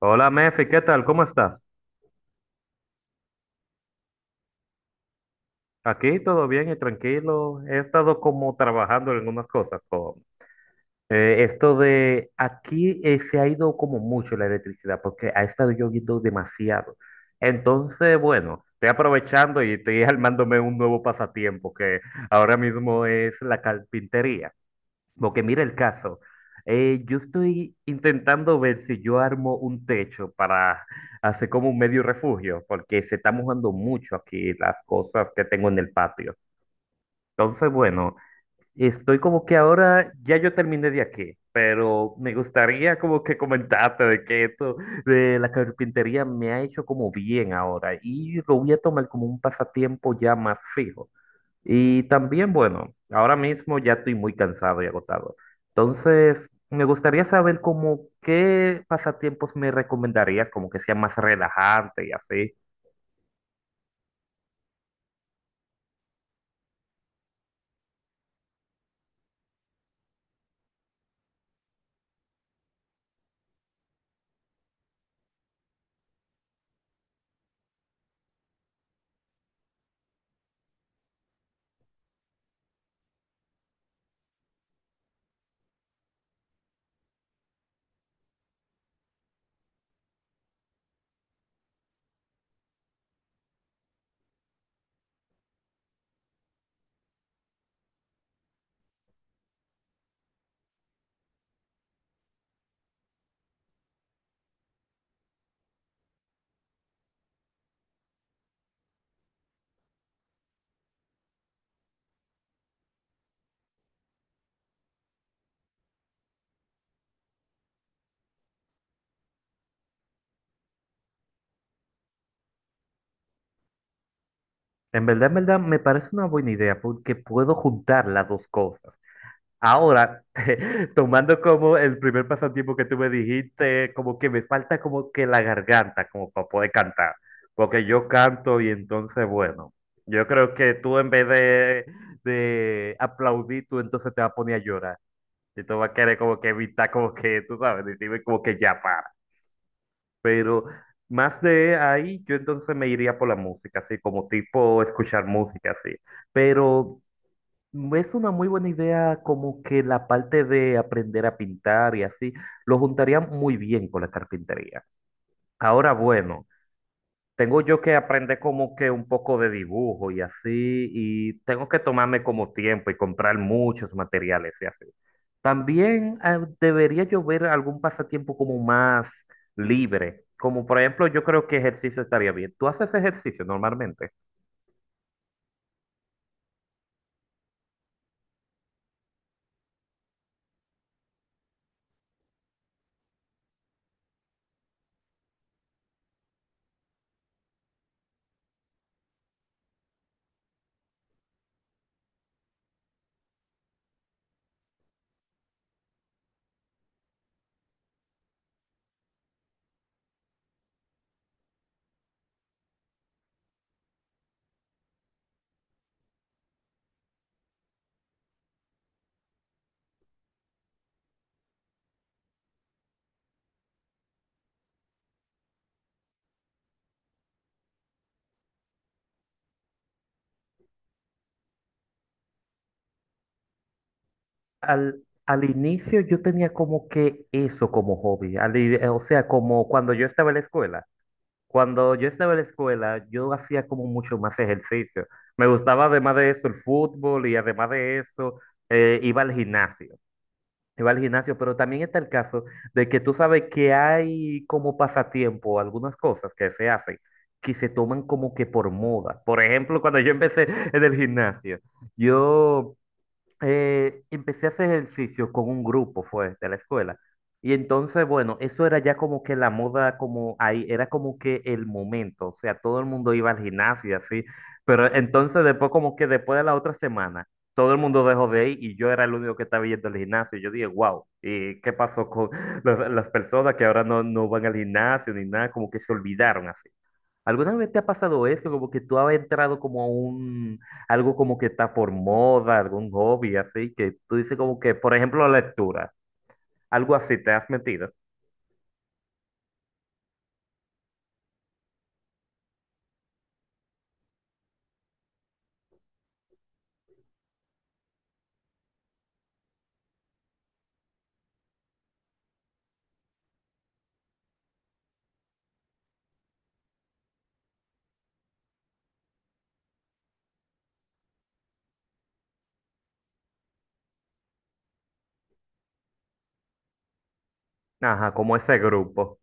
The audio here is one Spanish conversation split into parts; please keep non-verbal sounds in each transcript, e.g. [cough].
Hola, Mefi, ¿qué tal? ¿Cómo estás? Aquí todo bien y tranquilo. He estado como trabajando en algunas cosas con esto de aquí se ha ido como mucho la electricidad porque ha estado lloviendo demasiado. Entonces, bueno, estoy aprovechando y estoy [laughs] armándome un nuevo pasatiempo que ahora mismo es la carpintería. Porque mira el caso. Yo estoy intentando ver si yo armo un techo para hacer como un medio refugio, porque se está mojando mucho aquí las cosas que tengo en el patio. Entonces, bueno, estoy como que ahora ya yo terminé de aquí, pero me gustaría como que comentarte de que esto de la carpintería me ha hecho como bien ahora y lo voy a tomar como un pasatiempo ya más fijo. Y también, bueno, ahora mismo ya estoy muy cansado y agotado. Entonces, me gustaría saber como qué pasatiempos me recomendarías, como que sea más relajante y así. En verdad, me parece una buena idea porque puedo juntar las dos cosas. Ahora, [laughs] tomando como el primer pasatiempo que tú me dijiste, como que me falta como que la garganta, como para poder cantar, porque yo canto y entonces, bueno, yo creo que tú en vez de aplaudir, tú entonces te vas a poner a llorar y tú vas a querer como que evitar, como que, tú sabes, decirme como que ya para. Pero más de ahí, yo entonces me iría por la música, así como tipo escuchar música, así. Pero... Mm, es una muy buena idea como que la parte de aprender a pintar y así, lo juntaría muy bien con la carpintería. Ahora, bueno, tengo yo que aprender como que un poco de dibujo y así, y tengo que tomarme como tiempo y comprar muchos materiales y así. También debería yo ver algún pasatiempo como más libre, como por ejemplo yo creo que ejercicio estaría bien. ¿Tú haces ejercicio normalmente? Al inicio yo tenía como que eso como hobby, o sea, como cuando yo estaba en la escuela. Cuando yo estaba en la escuela, yo hacía como mucho más ejercicio. Me gustaba además de eso el fútbol y además de eso iba al gimnasio. Iba al gimnasio, pero también está el caso de que tú sabes que hay como pasatiempo algunas cosas que se hacen que se toman como que por moda. Por ejemplo, cuando yo empecé en el gimnasio, yo empecé a hacer ejercicio con un grupo, fue, de la escuela. Y entonces, bueno, eso era ya como que la moda, como ahí, era como que el momento, o sea, todo el mundo iba al gimnasio y así, pero entonces después como que después de la otra semana, todo el mundo dejó de ir y yo era el único que estaba yendo al gimnasio. Y yo dije, wow, ¿y qué pasó con [laughs] las personas que ahora no, no van al gimnasio ni nada? Como que se olvidaron así. ¿Alguna vez te ha pasado eso? Como que tú has entrado como a un, algo como que está por moda, algún hobby, así, que tú dices como que, por ejemplo, lectura, algo así, te has metido. Ajá, como ese grupo.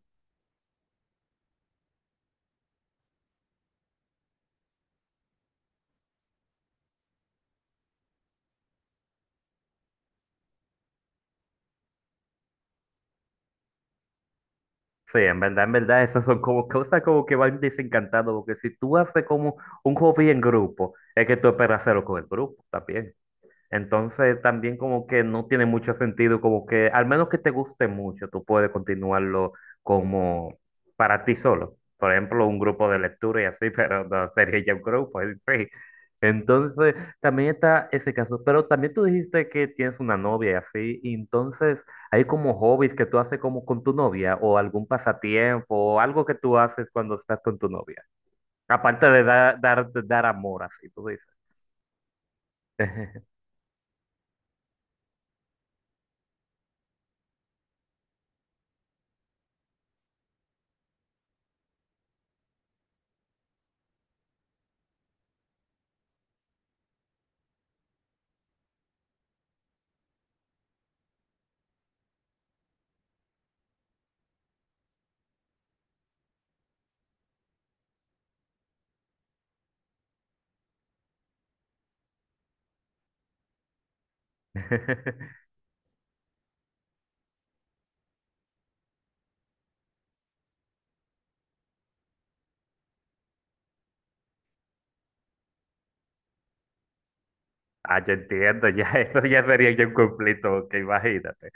Sí, en verdad, esas son como cosas como que van desencantando, porque si tú haces como un hobby en grupo, es que tú esperas hacerlo con el grupo también. Entonces también como que no tiene mucho sentido, como que al menos que te guste mucho, tú puedes continuarlo como para ti solo. Por ejemplo, un grupo de lectura y así, [laughs] pero no sería ya un grupo, [laughs] en sí. Entonces también está ese caso, pero también tú dijiste que tienes una novia y así, y entonces hay como hobbies que tú haces como con tu novia o algún pasatiempo o algo que tú haces cuando estás con tu novia, aparte de dar amor, así tú dices. [laughs] Ah, yo entiendo, ya [laughs] eso ya sería ya un conflicto, que imagínate.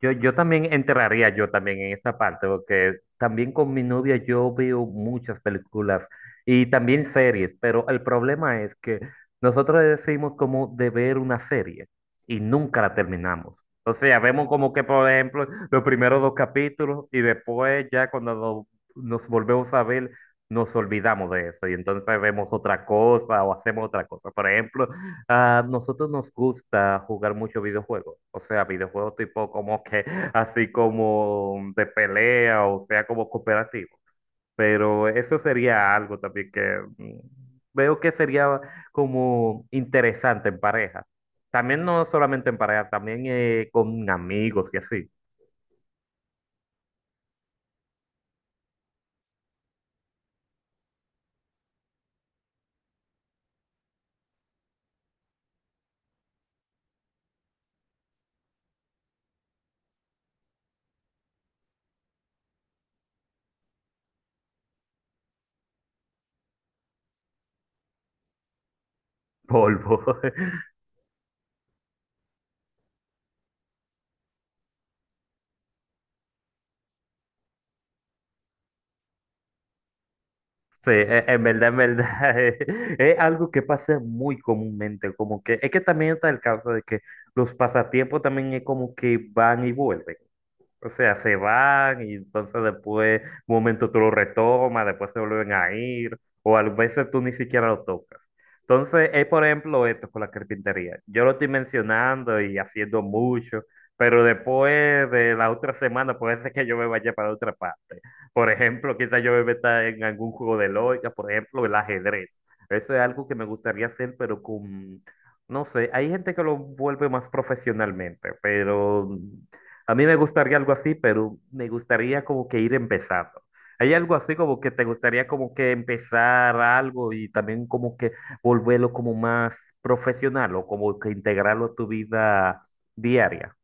Yo también entraría yo también en esa parte, porque también con mi novia yo veo muchas películas y también series, pero el problema es que nosotros decimos como de ver una serie y nunca la terminamos. O sea, vemos como que, por ejemplo, los primeros dos capítulos y después ya cuando nos volvemos a ver, nos olvidamos de eso y entonces vemos otra cosa o hacemos otra cosa. Por ejemplo, a nosotros nos gusta jugar mucho videojuegos, o sea, videojuegos tipo como que [laughs] así como de pelea, o sea, como cooperativo. Pero eso sería algo también que veo que sería como interesante en pareja. También no solamente en pareja, también con amigos y así. Polvo. [laughs] Sí, en verdad, [laughs] es, algo que pasa muy comúnmente, como que es que también está el caso de que los pasatiempos también es como que van y vuelven. O sea, se van y entonces después, un momento tú lo retomas, después se vuelven a ir, o a veces tú ni siquiera lo tocas. Entonces, es por ejemplo esto con la carpintería. Yo lo estoy mencionando y haciendo mucho, pero después de la otra semana puede ser que yo me vaya para otra parte. Por ejemplo, quizás yo me meta en algún juego de lógica, por ejemplo, el ajedrez. Eso es algo que me gustaría hacer, pero con, no sé, hay gente que lo vuelve más profesionalmente, pero... A mí me gustaría algo así, pero me gustaría como que ir empezando. ¿Hay algo así como que te gustaría como que empezar algo y también como que volverlo como más profesional o como que integrarlo a tu vida diaria?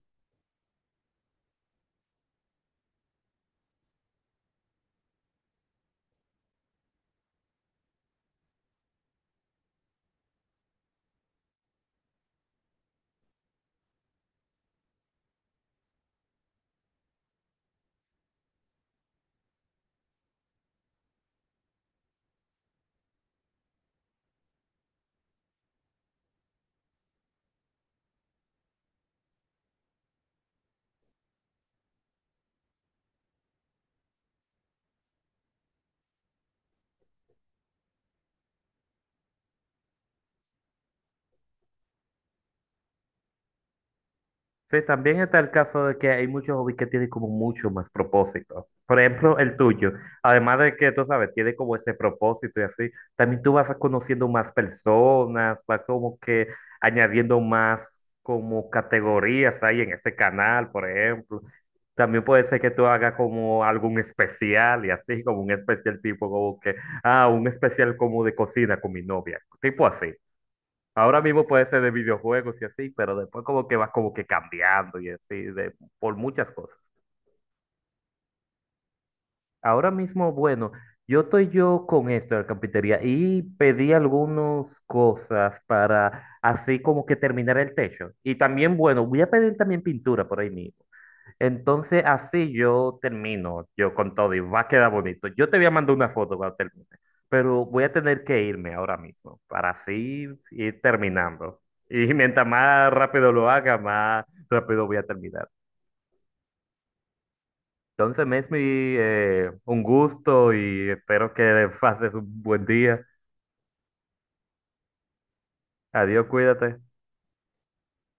Sí, también está el caso de que hay muchos hobbies que tienen como mucho más propósito. Por ejemplo, el tuyo. Además de que, tú sabes, tiene como ese propósito y así, también tú vas conociendo más personas, vas como que añadiendo más como categorías ahí en ese canal, por ejemplo. También puede ser que tú hagas como algún especial y así, como un especial tipo como que, ah, un especial como de cocina con mi novia, tipo así. Ahora mismo puede ser de videojuegos y así, pero después como que va como que cambiando y así, de, por muchas cosas. Ahora mismo, bueno, yo estoy yo con esto de la carpintería y pedí algunas cosas para así como que terminar el techo. Y también, bueno, voy a pedir también pintura por ahí mismo. Entonces, así yo termino, yo con todo y va a quedar bonito. Yo te voy a mandar una foto cuando termine, pero voy a tener que irme ahora mismo para así ir terminando. [laughs] Y mientras más rápido lo haga, más rápido voy a terminar. Entonces, Mesmi, un gusto y espero que pases un buen día. Adiós, cuídate.